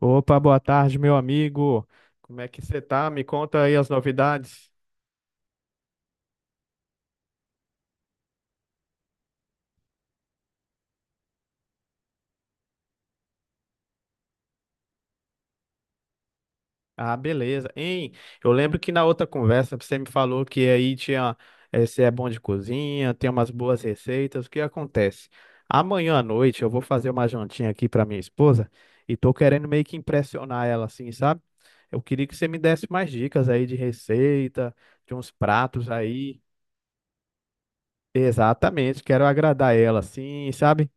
Opa, boa tarde, meu amigo. Como é que você tá? Me conta aí as novidades. Ah, beleza. Hein? Eu lembro que na outra conversa você me falou que aí tinha, você é bom de cozinha, tem umas boas receitas. O que acontece? Amanhã à noite eu vou fazer uma jantinha aqui para minha esposa e tô querendo meio que impressionar ela assim, sabe? Eu queria que você me desse mais dicas aí de receita, de uns pratos aí. Exatamente, quero agradar ela assim, sabe?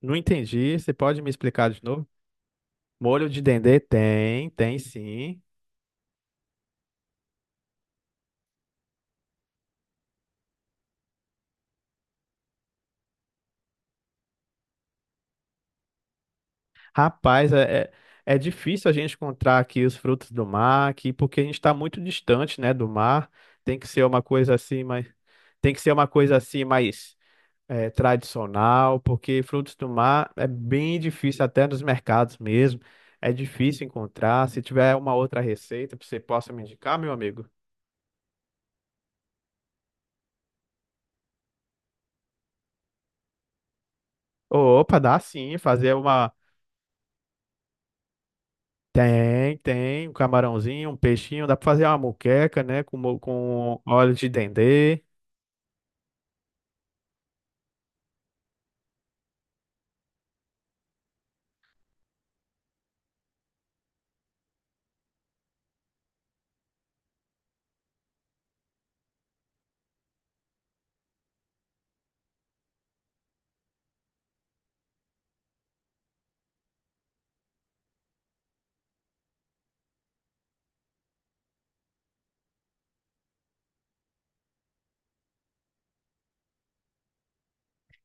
Não entendi. Você pode me explicar de novo? Molho de dendê tem, tem sim. Rapaz, é difícil a gente encontrar aqui os frutos do mar, aqui, porque a gente está muito distante, né, do mar. Tem que ser uma coisa assim, mas tem que ser uma coisa assim mais é, tradicional, porque frutos do mar é bem difícil até nos mercados mesmo. É difícil encontrar. Se tiver uma outra receita que você possa me indicar, meu amigo. Opa, dá sim, fazer uma. Tem, tem, um camarãozinho, um peixinho, dá pra fazer uma moqueca, né, com, com óleo de dendê.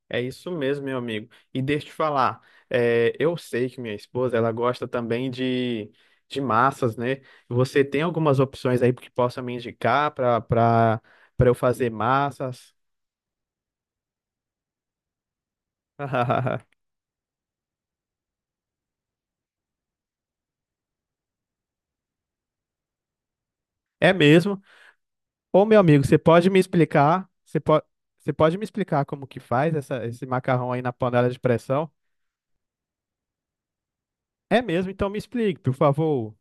É isso mesmo, meu amigo. E deixa eu te falar, eu sei que minha esposa, ela gosta também de massas, né? Você tem algumas opções aí que possa me indicar para eu fazer massas? É mesmo? Ô, meu amigo, você pode me explicar? Você pode me explicar como que faz essa, esse macarrão aí na panela de pressão? É mesmo? Então me explique, por favor.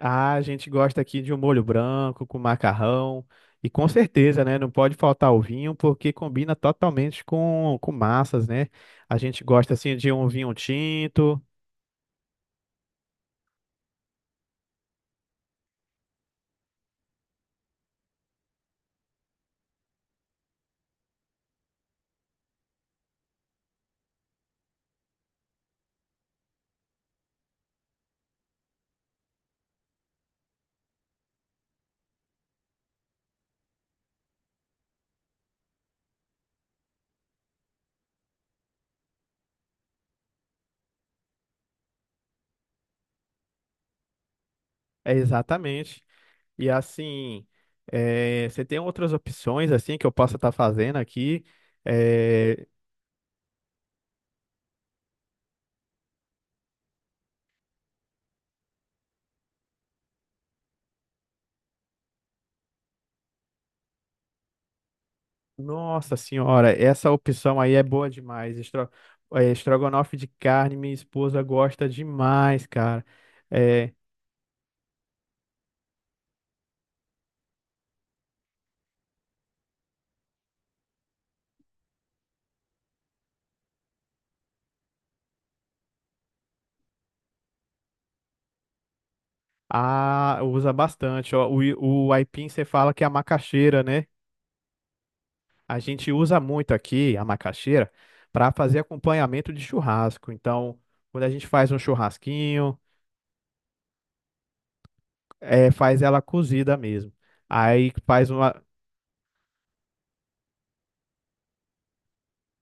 Ah, a gente gosta aqui de um molho branco com macarrão. E com certeza, né? Não pode faltar o vinho, porque combina totalmente com massas, né? A gente gosta, assim, de um vinho tinto. É exatamente. E, assim, você tem outras opções, assim, que eu possa estar fazendo aqui. Eh, Nossa Senhora, essa opção aí é boa demais. Estrogonofe de carne, minha esposa gosta demais, cara. É. Ah, usa bastante. Ó, o aipim você fala que é a macaxeira, né? A gente usa muito aqui a macaxeira para fazer acompanhamento de churrasco. Então, quando a gente faz um churrasquinho, é, faz ela cozida mesmo. Aí faz uma.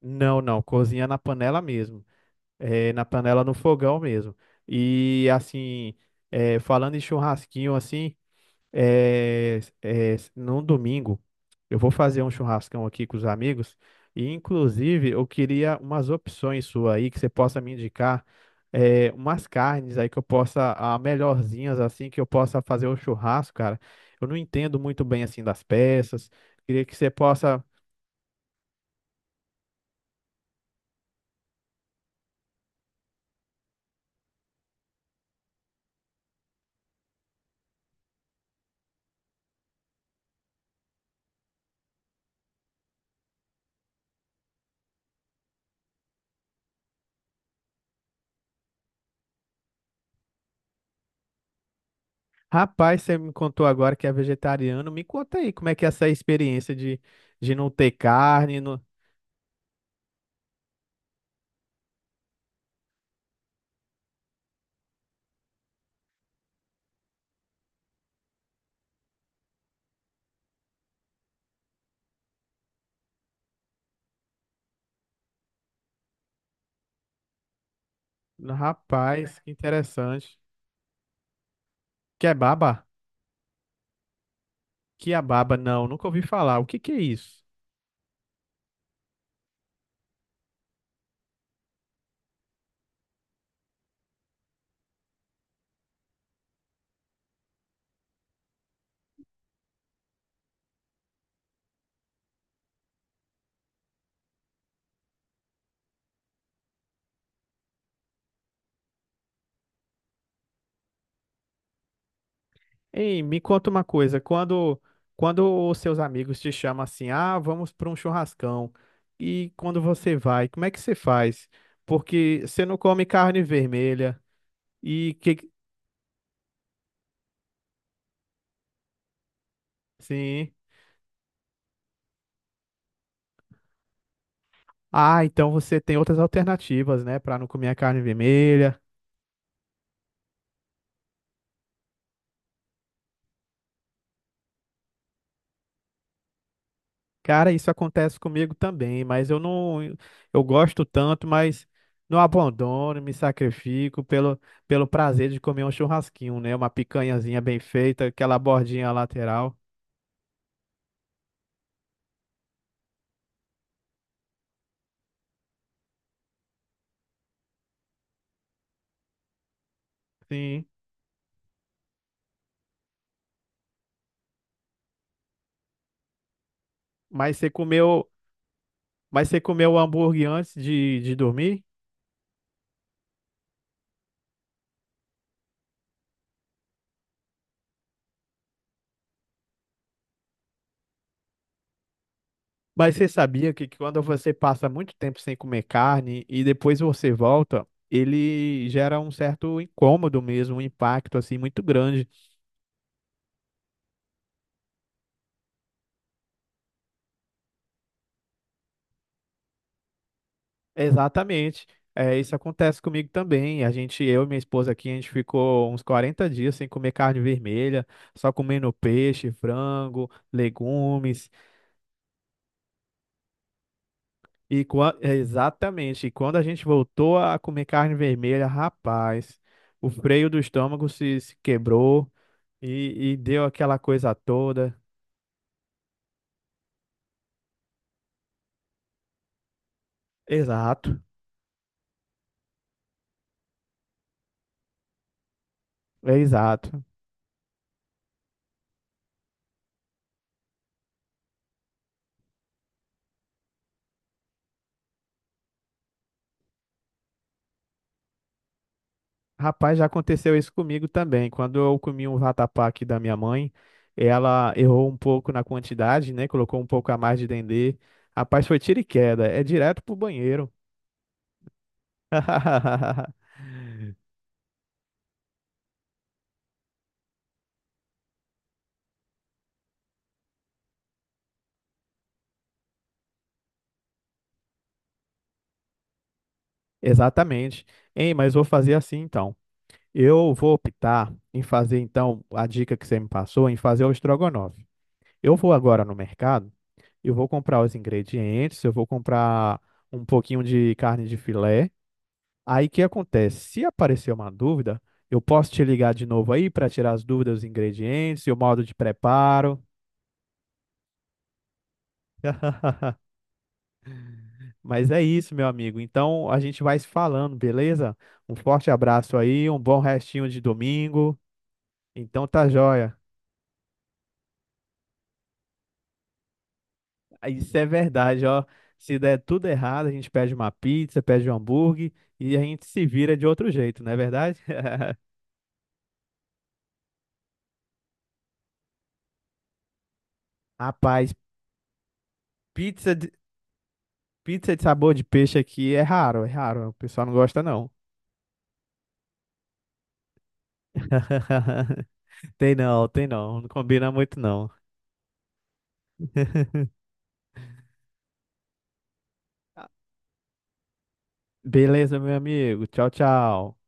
Não, não, cozinha na panela mesmo. É, na panela no fogão mesmo. E assim, falando em churrasquinho assim. Num domingo, eu vou fazer um churrascão aqui com os amigos e, inclusive, eu queria umas opções sua aí que você possa me indicar, umas carnes aí que eu possa, a melhorzinhas assim que eu possa fazer o churrasco, cara. Eu não entendo muito bem assim das peças. Queria que você possa. Rapaz, você me contou agora que é vegetariano. Me conta aí como é que é essa experiência de não ter carne. Rapaz, que interessante. Kebab? Quiababa, não, nunca ouvi falar. O que que é isso? Ei, me conta uma coisa, quando os seus amigos te chamam assim, ah, vamos para um churrascão, e quando você vai, como é que você faz? Porque você não come carne vermelha e que sim. Ah, então você tem outras alternativas, né, para não comer a carne vermelha. Cara, isso acontece comigo também, mas eu não, eu gosto tanto, mas não abandono, me sacrifico pelo, pelo prazer de comer um churrasquinho, né? Uma picanhazinha bem feita, aquela bordinha lateral. Sim. Mas você comeu, mas você comeu o hambúrguer antes de dormir? Mas você sabia que quando você passa muito tempo sem comer carne e depois você volta, ele gera um certo incômodo mesmo, um impacto assim muito grande. Exatamente. É, isso acontece comigo também. A gente, eu e minha esposa aqui, a gente ficou uns 40 dias sem comer carne vermelha, só comendo peixe, frango, legumes. Exatamente. E quando a gente voltou a comer carne vermelha, rapaz, o freio do estômago se, se quebrou e deu aquela coisa toda. Exato, é exato. Rapaz, já aconteceu isso comigo também. Quando eu comi um vatapá aqui da minha mãe, ela errou um pouco na quantidade, né? Colocou um pouco a mais de dendê. Rapaz, foi tiro e queda. É direto pro banheiro. Exatamente. Hein, mas vou fazer assim então. Eu vou optar em fazer então a dica que você me passou, em fazer o estrogonofe. Eu vou agora no mercado, eu vou comprar os ingredientes, eu vou comprar um pouquinho de carne de filé. Aí o que acontece? Se aparecer uma dúvida, eu posso te ligar de novo aí para tirar as dúvidas dos ingredientes e o modo de preparo. Mas é isso, meu amigo. Então a gente vai se falando, beleza? Um forte abraço aí, um bom restinho de domingo. Então tá joia. Ah, isso é verdade, ó. Se der tudo errado, a gente pede uma pizza, pede um hambúrguer e a gente se vira de outro jeito, não é verdade? Rapaz, pizza de, pizza de sabor de peixe aqui é raro, é raro. O pessoal não gosta, não. Tem não, tem não. Não combina muito não. Beleza, meu amigo. Tchau, tchau.